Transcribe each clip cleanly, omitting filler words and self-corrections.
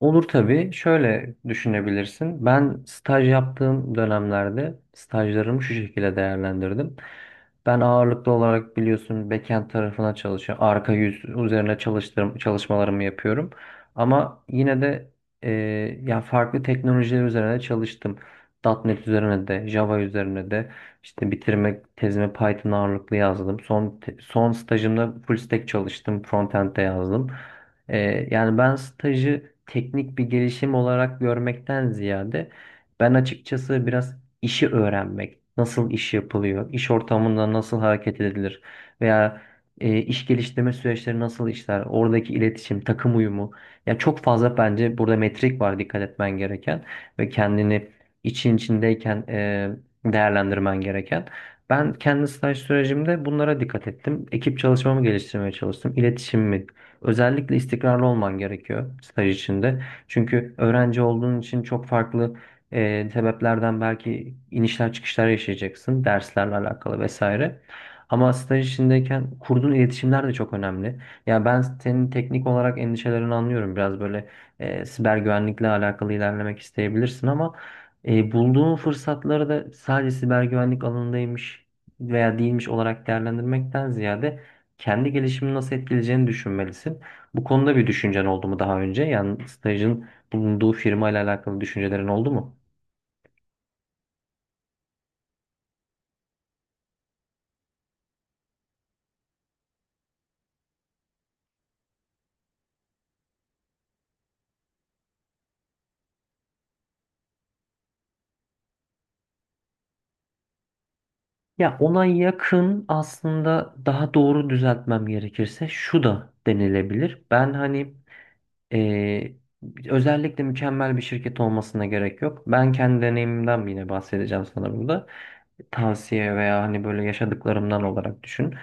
Olur tabii. Şöyle düşünebilirsin. Ben staj yaptığım dönemlerde stajlarımı şu şekilde değerlendirdim. Ben ağırlıklı olarak biliyorsun backend tarafına çalışıyorum. Arka yüz üzerine çalıştırım, çalışmalarımı yapıyorum. Ama yine de e, ya farklı teknolojiler üzerine çalıştım. .nokta .NET üzerine de, Java üzerine de işte bitirme tezimi Python ağırlıklı yazdım. Son stajımda full stack çalıştım, frontend'de yazdım. Yani ben stajı teknik bir gelişim olarak görmekten ziyade ben açıkçası biraz işi öğrenmek, nasıl iş yapılıyor, iş ortamında nasıl hareket edilir veya iş geliştirme süreçleri nasıl işler, oradaki iletişim, takım uyumu. Ya çok fazla bence burada metrik var dikkat etmen gereken ve kendini için içindeyken değerlendirmen gereken. Ben kendi staj sürecimde bunlara dikkat ettim. Ekip çalışmamı geliştirmeye çalıştım. İletişimimi özellikle istikrarlı olman gerekiyor staj içinde. Çünkü öğrenci olduğun için çok farklı sebeplerden belki inişler çıkışlar yaşayacaksın. Derslerle alakalı vesaire. Ama staj içindeyken kurduğun iletişimler de çok önemli. Ya ben senin teknik olarak endişelerini anlıyorum. Biraz böyle siber güvenlikle alakalı ilerlemek isteyebilirsin ama bulduğun fırsatları da sadece siber güvenlik alanındaymış veya değilmiş olarak değerlendirmekten ziyade kendi gelişimini nasıl etkileyeceğini düşünmelisin. Bu konuda bir düşüncen oldu mu daha önce? Yani stajın bulunduğu firma ile alakalı düşüncelerin oldu mu? Ya ona yakın aslında, daha doğru düzeltmem gerekirse şu da denilebilir. Ben hani eee, özellikle mükemmel bir şirket olmasına gerek yok. Ben kendi deneyimimden yine bahsedeceğim sana burada. Tavsiye veya hani böyle yaşadıklarımdan olarak düşün.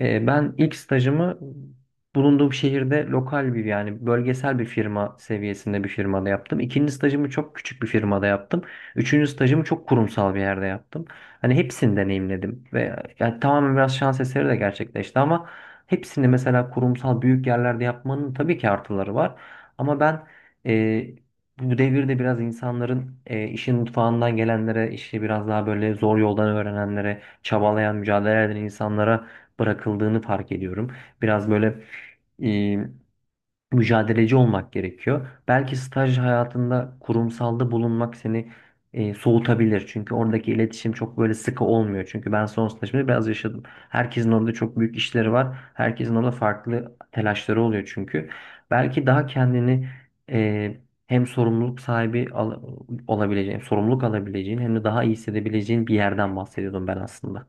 Ben ilk stajımı bulunduğum şehirde lokal bir, yani bölgesel bir firma seviyesinde bir firmada yaptım. İkinci stajımı çok küçük bir firmada yaptım. Üçüncü stajımı çok kurumsal bir yerde yaptım. Hani hepsini deneyimledim ve yani tamamen biraz şans eseri de gerçekleşti ama hepsini mesela kurumsal büyük yerlerde yapmanın tabii ki artıları var. Ama ben bu devirde biraz insanların işin mutfağından gelenlere, işte biraz daha böyle zor yoldan öğrenenlere, çabalayan, mücadele eden insanlara bırakıldığını fark ediyorum. Biraz böyle mücadeleci olmak gerekiyor. Belki staj hayatında kurumsalda bulunmak seni soğutabilir. Çünkü oradaki iletişim çok böyle sıkı olmuyor. Çünkü ben son stajımda biraz yaşadım. Herkesin orada çok büyük işleri var. Herkesin orada farklı telaşları oluyor çünkü. Belki daha kendini e, hem sorumluluk olabileceğin, sorumluluk alabileceğin hem de daha iyi hissedebileceğin bir yerden bahsediyordum ben aslında.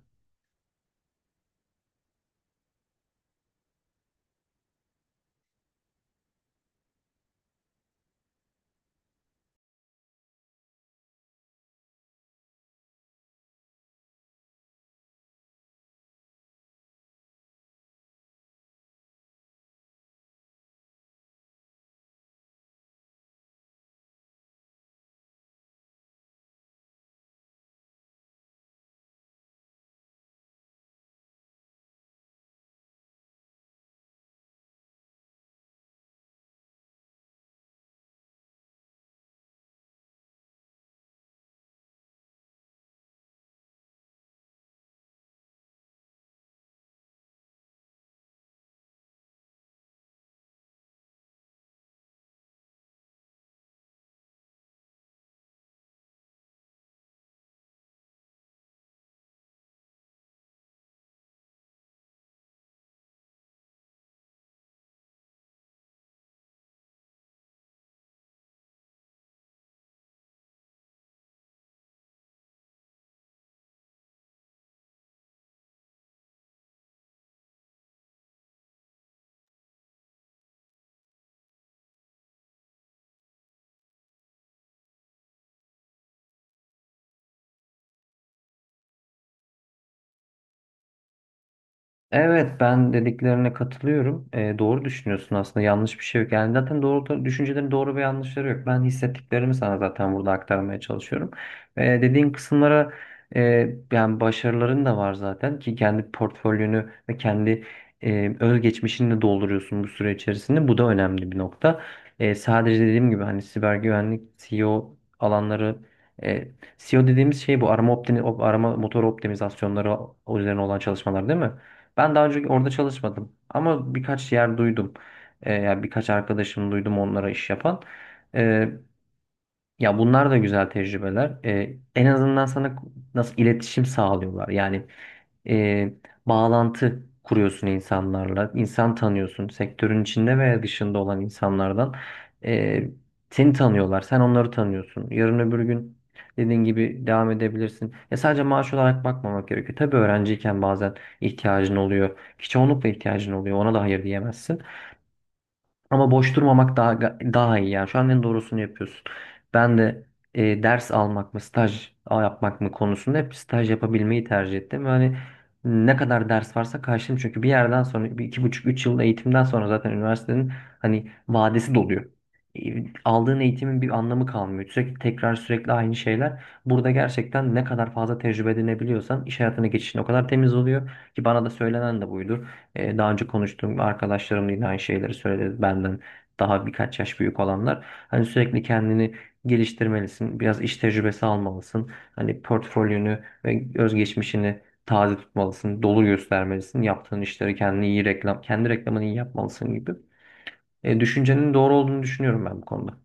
Evet, ben dediklerine katılıyorum. Doğru düşünüyorsun aslında, yanlış bir şey yok. Yani zaten doğru düşüncelerin doğru ve yanlışları yok. Ben hissettiklerimi sana zaten burada aktarmaya çalışıyorum. Dediğin kısımlara yani başarıların da var zaten ki kendi portfolyonu ve kendi özgeçmişini de dolduruyorsun bu süre içerisinde. Bu da önemli bir nokta. Sadece dediğim gibi hani siber güvenlik, SEO alanları, e, SEO dediğimiz şey bu arama motor optimizasyonları üzerine olan çalışmalar, değil mi? Ben daha önce orada çalışmadım ama birkaç yer duydum. Yani birkaç arkadaşım duydum onlara iş yapan. Ee, Ya bunlar da güzel tecrübeler. En azından sana nasıl iletişim sağlıyorlar. Yani e, bağlantı kuruyorsun insanlarla. İnsan tanıyorsun. Sektörün içinde veya dışında olan insanlardan e, seni tanıyorlar. Sen onları tanıyorsun. Yarın öbür gün dediğin gibi devam edebilirsin. Ya sadece maaş olarak bakmamak gerekiyor. Tabii öğrenciyken bazen ihtiyacın oluyor. Ki çoğunlukla ihtiyacın oluyor. Ona da hayır diyemezsin. Ama boş durmamak daha iyi yani. Şu an en doğrusunu yapıyorsun. Ben de ders almak mı, staj yapmak mı konusunda hep staj yapabilmeyi tercih ettim. Yani ne kadar ders varsa karşılayayım. Çünkü bir yerden sonra, bir iki buçuk, üç yıl eğitimden sonra zaten üniversitenin hani vadesi doluyor. E, Aldığın eğitimin bir anlamı kalmıyor. Sürekli tekrar, sürekli aynı şeyler. Burada gerçekten ne kadar fazla tecrübe edinebiliyorsan iş hayatına geçişin o kadar temiz oluyor ki bana da söylenen de buydu. Daha önce konuştuğum arkadaşlarım da yine aynı şeyleri söyledi. Benden daha birkaç yaş büyük olanlar. Hani sürekli kendini geliştirmelisin. Biraz iş tecrübesi almalısın. Hani portfolyonu ve özgeçmişini taze tutmalısın. Dolu göstermelisin. Yaptığın işleri, kendini iyi reklam, kendi reklamını iyi yapmalısın gibi. Düşüncenin doğru olduğunu düşünüyorum ben bu konuda.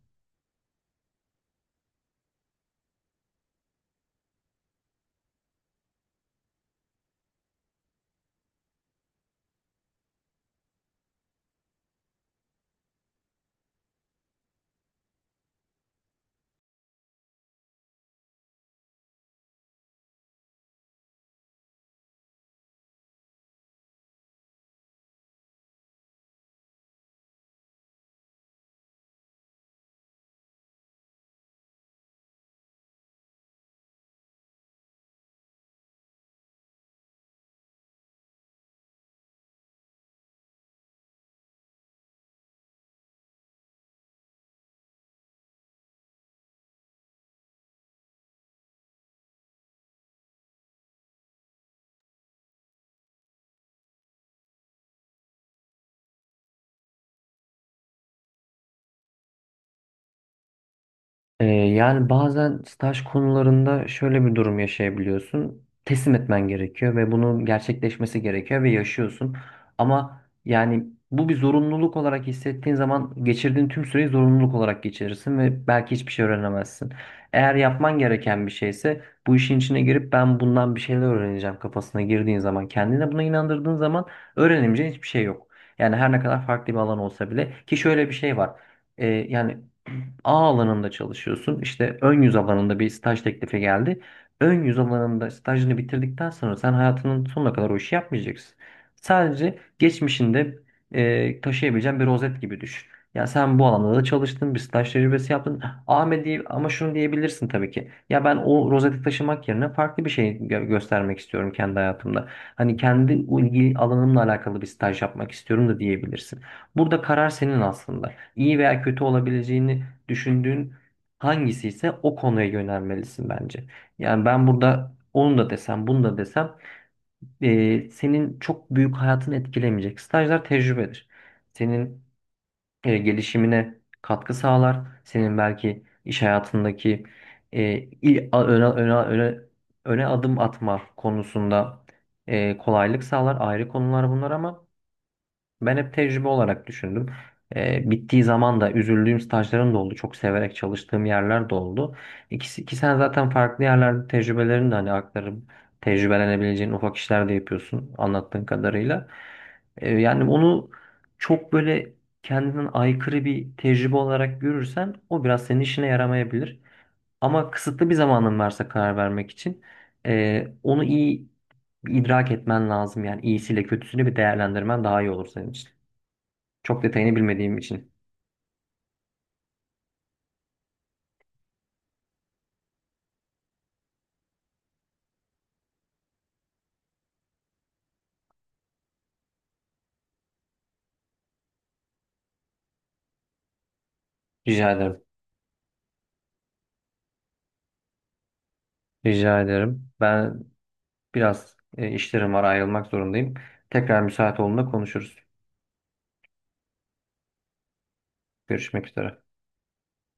Yani bazen staj konularında şöyle bir durum yaşayabiliyorsun. Teslim etmen gerekiyor ve bunun gerçekleşmesi gerekiyor ve yaşıyorsun. Ama yani bu bir zorunluluk olarak hissettiğin zaman geçirdiğin tüm süreyi zorunluluk olarak geçirirsin ve belki hiçbir şey öğrenemezsin. Eğer yapman gereken bir şeyse, bu işin içine girip ben bundan bir şeyler öğreneceğim kafasına girdiğin zaman, kendine buna inandırdığın zaman öğrenemeyeceğin hiçbir şey yok. Yani her ne kadar farklı bir alan olsa bile, ki şöyle bir şey var. Yani A alanında çalışıyorsun. İşte ön yüz alanında bir staj teklifi geldi. Ön yüz alanında stajını bitirdikten sonra sen hayatının sonuna kadar o işi yapmayacaksın. Sadece geçmişinde taşıyabileceğin bir rozet gibi düşün. Ya sen bu alanda da çalıştın, bir staj tecrübesi yaptın. Ahmet diye, ama şunu diyebilirsin tabii ki. Ya ben o rozeti taşımak yerine farklı bir şey göstermek istiyorum kendi hayatımda. Hani kendi ilgi alanımla alakalı bir staj yapmak istiyorum da diyebilirsin. Burada karar senin aslında. İyi veya kötü olabileceğini düşündüğün hangisi ise o konuya yönelmelisin bence. Yani ben burada onu da desem, bunu da desem senin çok büyük hayatını etkilemeyecek. Stajlar tecrübedir. Senin gelişimine katkı sağlar. Senin belki iş hayatındaki e, il, a- öne, öne, öne, öne adım atma konusunda kolaylık sağlar. Ayrı konular bunlar ama ben hep tecrübe olarak düşündüm. Bittiği zaman da üzüldüğüm stajlarım da oldu. Çok severek çalıştığım yerler de oldu. İkisi, ki sen zaten farklı yerlerde tecrübelerini de hani aktarıp tecrübelenebileceğin ufak işler de yapıyorsun anlattığın kadarıyla. Yani onu çok böyle kendinden aykırı bir tecrübe olarak görürsen o biraz senin işine yaramayabilir. Ama kısıtlı bir zamanın varsa karar vermek için onu iyi idrak etmen lazım. Yani iyisiyle kötüsünü bir değerlendirmen daha iyi olur senin için. Çok detayını bilmediğim için. Rica ederim. Rica ederim. Ben biraz işlerim var, ayrılmak zorundayım. Tekrar müsait olduğunda konuşuruz. Görüşmek üzere.